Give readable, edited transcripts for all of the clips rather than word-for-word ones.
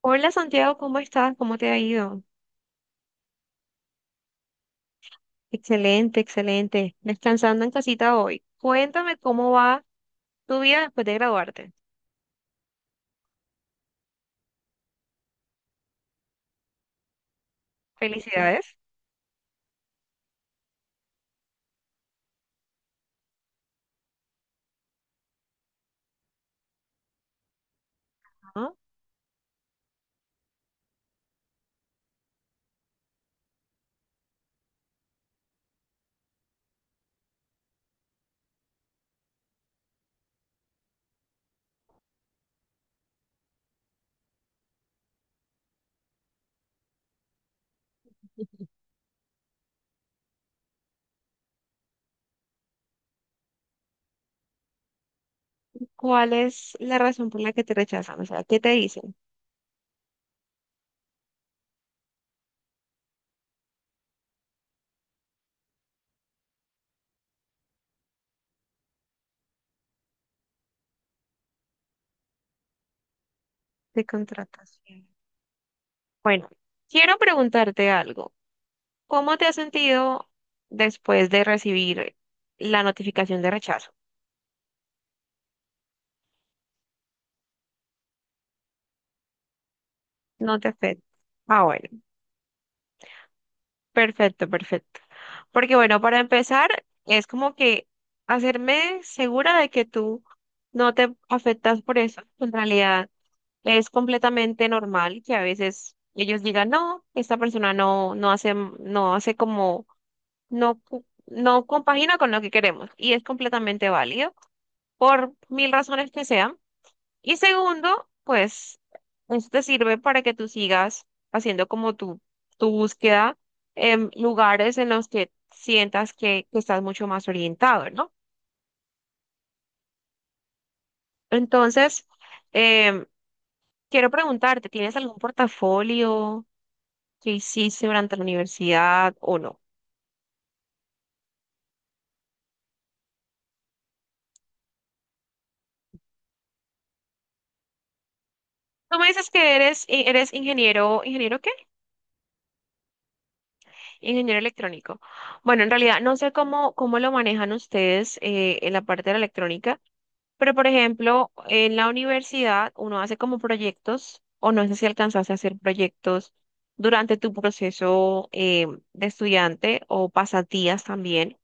Hola Santiago, ¿cómo estás? ¿Cómo te ha ido? Excelente, excelente. Descansando en casita hoy. Cuéntame cómo va tu vida después de graduarte. Felicidades, ¿no? ¿Cuál es la razón por la que te rechazan? O sea, ¿qué te dicen de contratación? Bueno, quiero preguntarte algo. ¿Cómo te has sentido después de recibir la notificación de rechazo? ¿No te afecta? Ah, bueno. Perfecto, perfecto. Porque bueno, para empezar, es como que hacerme segura de que tú no te afectas por eso. En realidad, es completamente normal que a veces ellos digan no, esta persona no, no hace, no hace como, no, no compagina con lo que queremos. Y es completamente válido por mil razones que sean. Y segundo, pues esto te sirve para que tú sigas haciendo como tu búsqueda en lugares en los que sientas que estás mucho más orientado, ¿no? Entonces, em, quiero preguntarte, ¿tienes algún portafolio que hiciste durante la universidad o no? Tú me dices que eres, eres ingeniero, ¿ingeniero qué? Ingeniero electrónico. Bueno, en realidad no sé cómo, cómo lo manejan ustedes en la parte de la electrónica. Pero, por ejemplo, en la universidad uno hace como proyectos, o no sé si alcanzaste a hacer proyectos durante tu proceso de estudiante o pasatías también,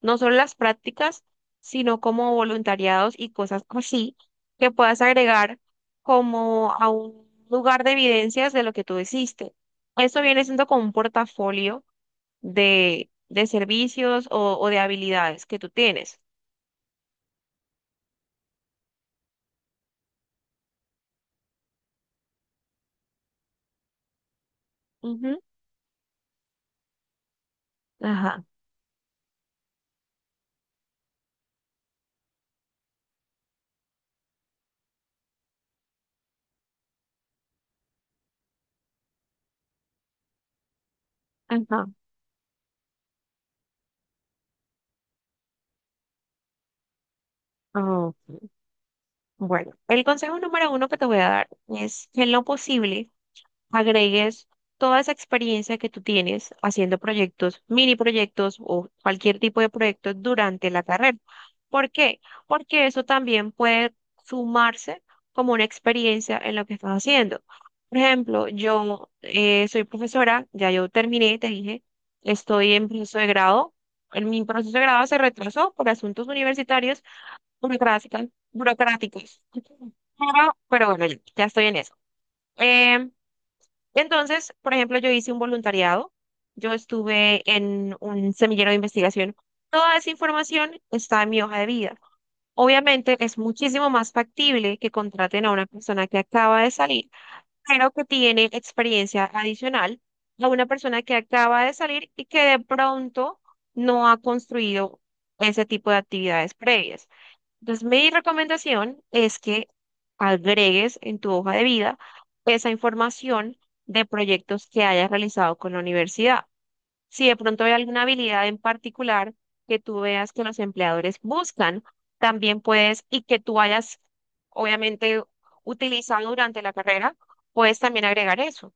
no solo las prácticas, sino como voluntariados y cosas así que puedas agregar como a un lugar de evidencias de lo que tú hiciste. Esto viene siendo como un portafolio de servicios o de habilidades que tú tienes. Ujú. Ajá, ajá. Ok. Bueno, el consejo número uno que te voy a dar es que en lo posible agregues toda esa experiencia que tú tienes haciendo proyectos, mini proyectos o cualquier tipo de proyecto durante la carrera. ¿Por qué? Porque eso también puede sumarse como una experiencia en lo que estás haciendo. Por ejemplo, yo soy profesora, ya yo terminé, te dije, estoy en proceso de grado. En mi proceso de grado se retrasó por asuntos universitarios burocráticas, burocráticos. Pero bueno, ya estoy en eso. Eh, entonces, por ejemplo, yo hice un voluntariado. Yo estuve en un semillero de investigación. Toda esa información está en mi hoja de vida. Obviamente es muchísimo más factible que contraten a una persona que acaba de salir, pero que tiene experiencia adicional a una persona que acaba de salir y que de pronto no ha construido ese tipo de actividades previas. Entonces, mi recomendación es que agregues en tu hoja de vida esa información de proyectos que hayas realizado con la universidad. Si de pronto hay alguna habilidad en particular que tú veas que los empleadores buscan, también puedes, y que tú hayas obviamente utilizado durante la carrera, puedes también agregar eso.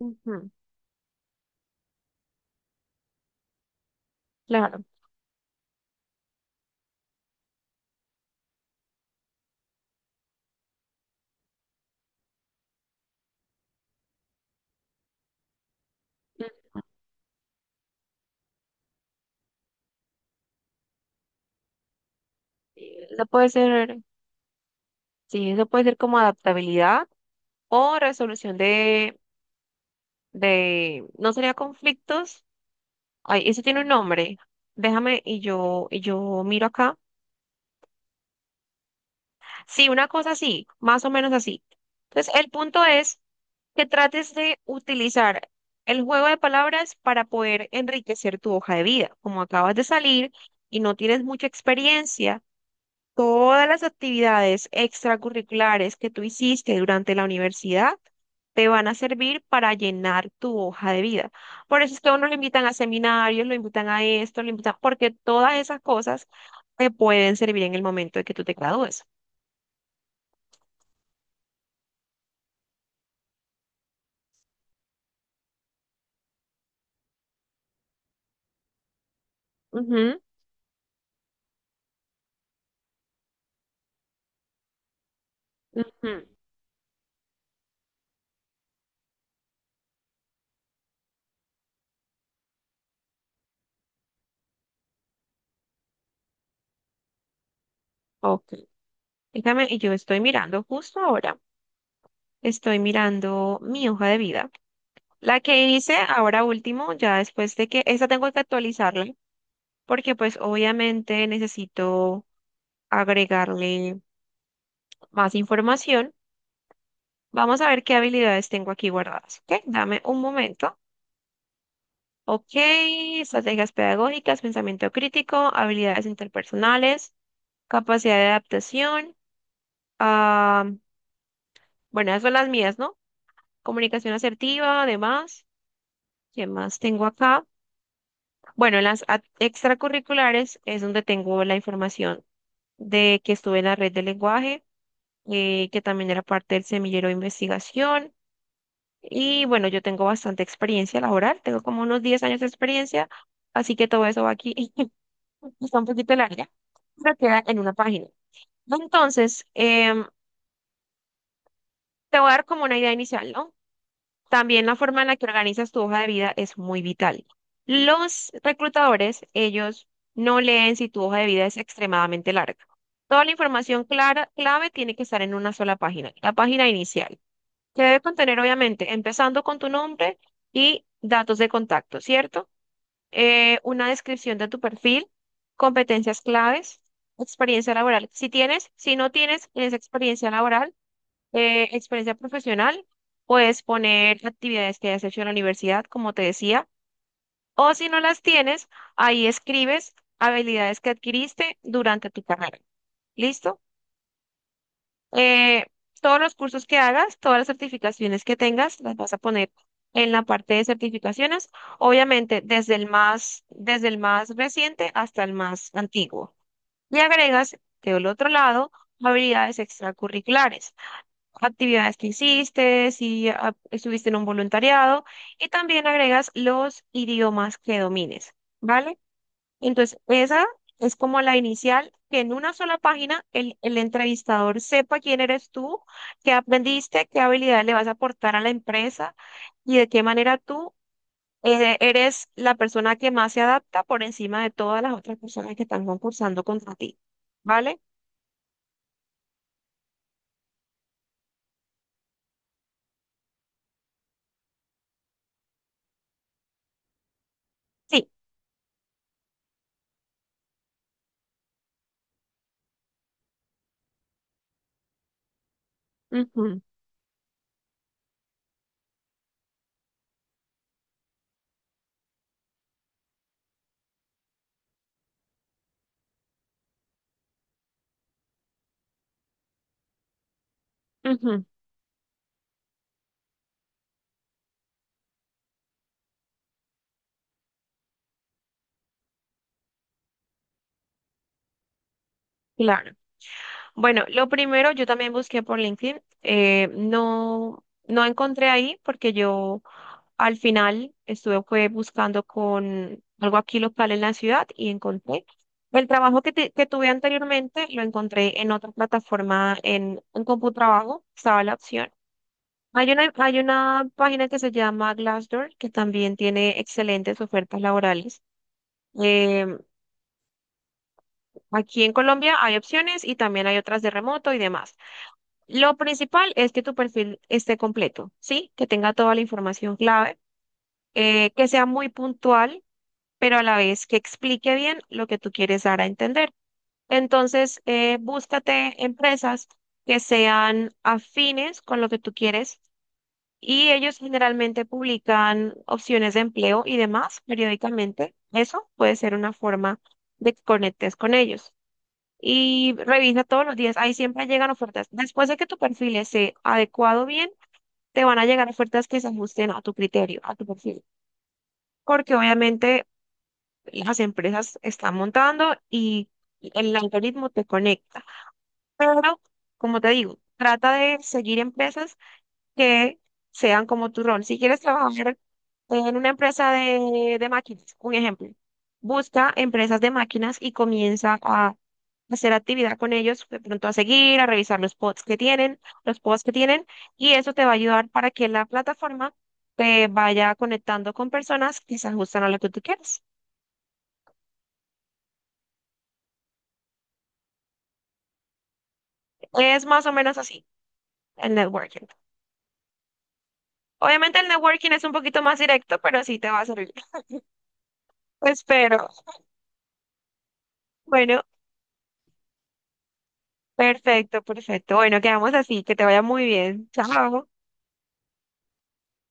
Ujú, claro. Eso puede ser, sí, eso puede ser como adaptabilidad o resolución de, no sería conflictos, ay, eso tiene un nombre, déjame y yo miro acá. Sí, una cosa así, más o menos así. Entonces, el punto es que trates de utilizar el juego de palabras para poder enriquecer tu hoja de vida. Como acabas de salir y no tienes mucha experiencia, todas las actividades extracurriculares que tú hiciste durante la universidad te van a servir para llenar tu hoja de vida. Por eso es que a uno lo invitan a seminarios, lo invitan a esto, lo invitan, porque todas esas cosas te pueden servir en el momento de que tú te gradúes. Ujú, ujú. Ok. Déjame, y yo estoy mirando justo ahora, estoy mirando mi hoja de vida. La que hice ahora último, ya después de que, esa tengo que actualizarla, porque pues obviamente necesito agregarle más información. Vamos a ver qué habilidades tengo aquí guardadas, ¿ok? Dame un momento. Ok, estrategias pedagógicas, pensamiento crítico, habilidades interpersonales, capacidad de adaptación. Ah, bueno, esas son las mías, ¿no? Comunicación asertiva, además. ¿Qué más tengo acá? Bueno, en las extracurriculares es donde tengo la información de que estuve en la red de lenguaje, que también era parte del semillero de investigación. Y bueno, yo tengo bastante experiencia laboral, tengo como unos 10 años de experiencia, así que todo eso va aquí, está un poquito larga, pero queda en una página. Entonces, te voy a dar como una idea inicial, ¿no? También la forma en la que organizas tu hoja de vida es muy vital. Los reclutadores, ellos no leen si tu hoja de vida es extremadamente larga. Toda la información clara, clave tiene que estar en una sola página, la página inicial, que debe contener, obviamente, empezando con tu nombre y datos de contacto, ¿cierto? Una descripción de tu perfil, competencias claves, experiencia laboral. Si tienes, si no tienes, tienes experiencia laboral, experiencia profesional, puedes poner actividades que hayas hecho en la universidad, como te decía, o si no las tienes, ahí escribes habilidades que adquiriste durante tu carrera. ¿Listo? Eh, todos los cursos que hagas, todas las certificaciones que tengas, las vas a poner en la parte de certificaciones, obviamente desde el más reciente hasta el más antiguo. Y agregas del otro lado habilidades extracurriculares, actividades que hiciste, si ah, estuviste en un voluntariado, y también agregas los idiomas que domines, ¿vale? Entonces, esa es como la inicial, que en una sola página el entrevistador sepa quién eres tú, qué aprendiste, qué habilidades le vas a aportar a la empresa y de qué manera tú eres la persona que más se adapta por encima de todas las otras personas que están concursando contra ti. ¿Vale? Sí. Ujú, ujú, claro. Bueno, lo primero, yo también busqué por LinkedIn. No, no encontré ahí porque yo al final estuve fue, buscando con algo aquí local en la ciudad y encontré. El trabajo que, que tuve anteriormente lo encontré en otra plataforma, en Computrabajo, estaba la opción. Hay una página que se llama Glassdoor que también tiene excelentes ofertas laborales. Em, aquí en Colombia hay opciones y también hay otras de remoto y demás. Lo principal es que tu perfil esté completo, ¿sí? Que tenga toda la información clave, que sea muy puntual, pero a la vez que explique bien lo que tú quieres dar a entender. Entonces, búscate empresas que sean afines con lo que tú quieres y ellos generalmente publican opciones de empleo y demás periódicamente. Eso puede ser una forma de que conectes con ellos y revisa todos los días. Ahí siempre llegan ofertas. Después de que tu perfil esté adecuado bien, te van a llegar ofertas que se ajusten a tu criterio, a tu perfil, porque obviamente las empresas están montando y el algoritmo te conecta. Pero, como te digo, trata de seguir empresas que sean como tu rol. Si quieres trabajar en una empresa de máquinas, un ejemplo. Busca empresas de máquinas y comienza a hacer actividad con ellos, de pronto a seguir, a revisar los pods que tienen, los pods que tienen, y eso te va a ayudar para que la plataforma te vaya conectando con personas que se ajustan a lo que tú quieres. Es más o menos así el networking. Obviamente el networking es un poquito más directo, pero sí te va a servir. Espero. Bueno, perfecto, perfecto. Bueno, quedamos así. Que te vaya muy bien. Chao.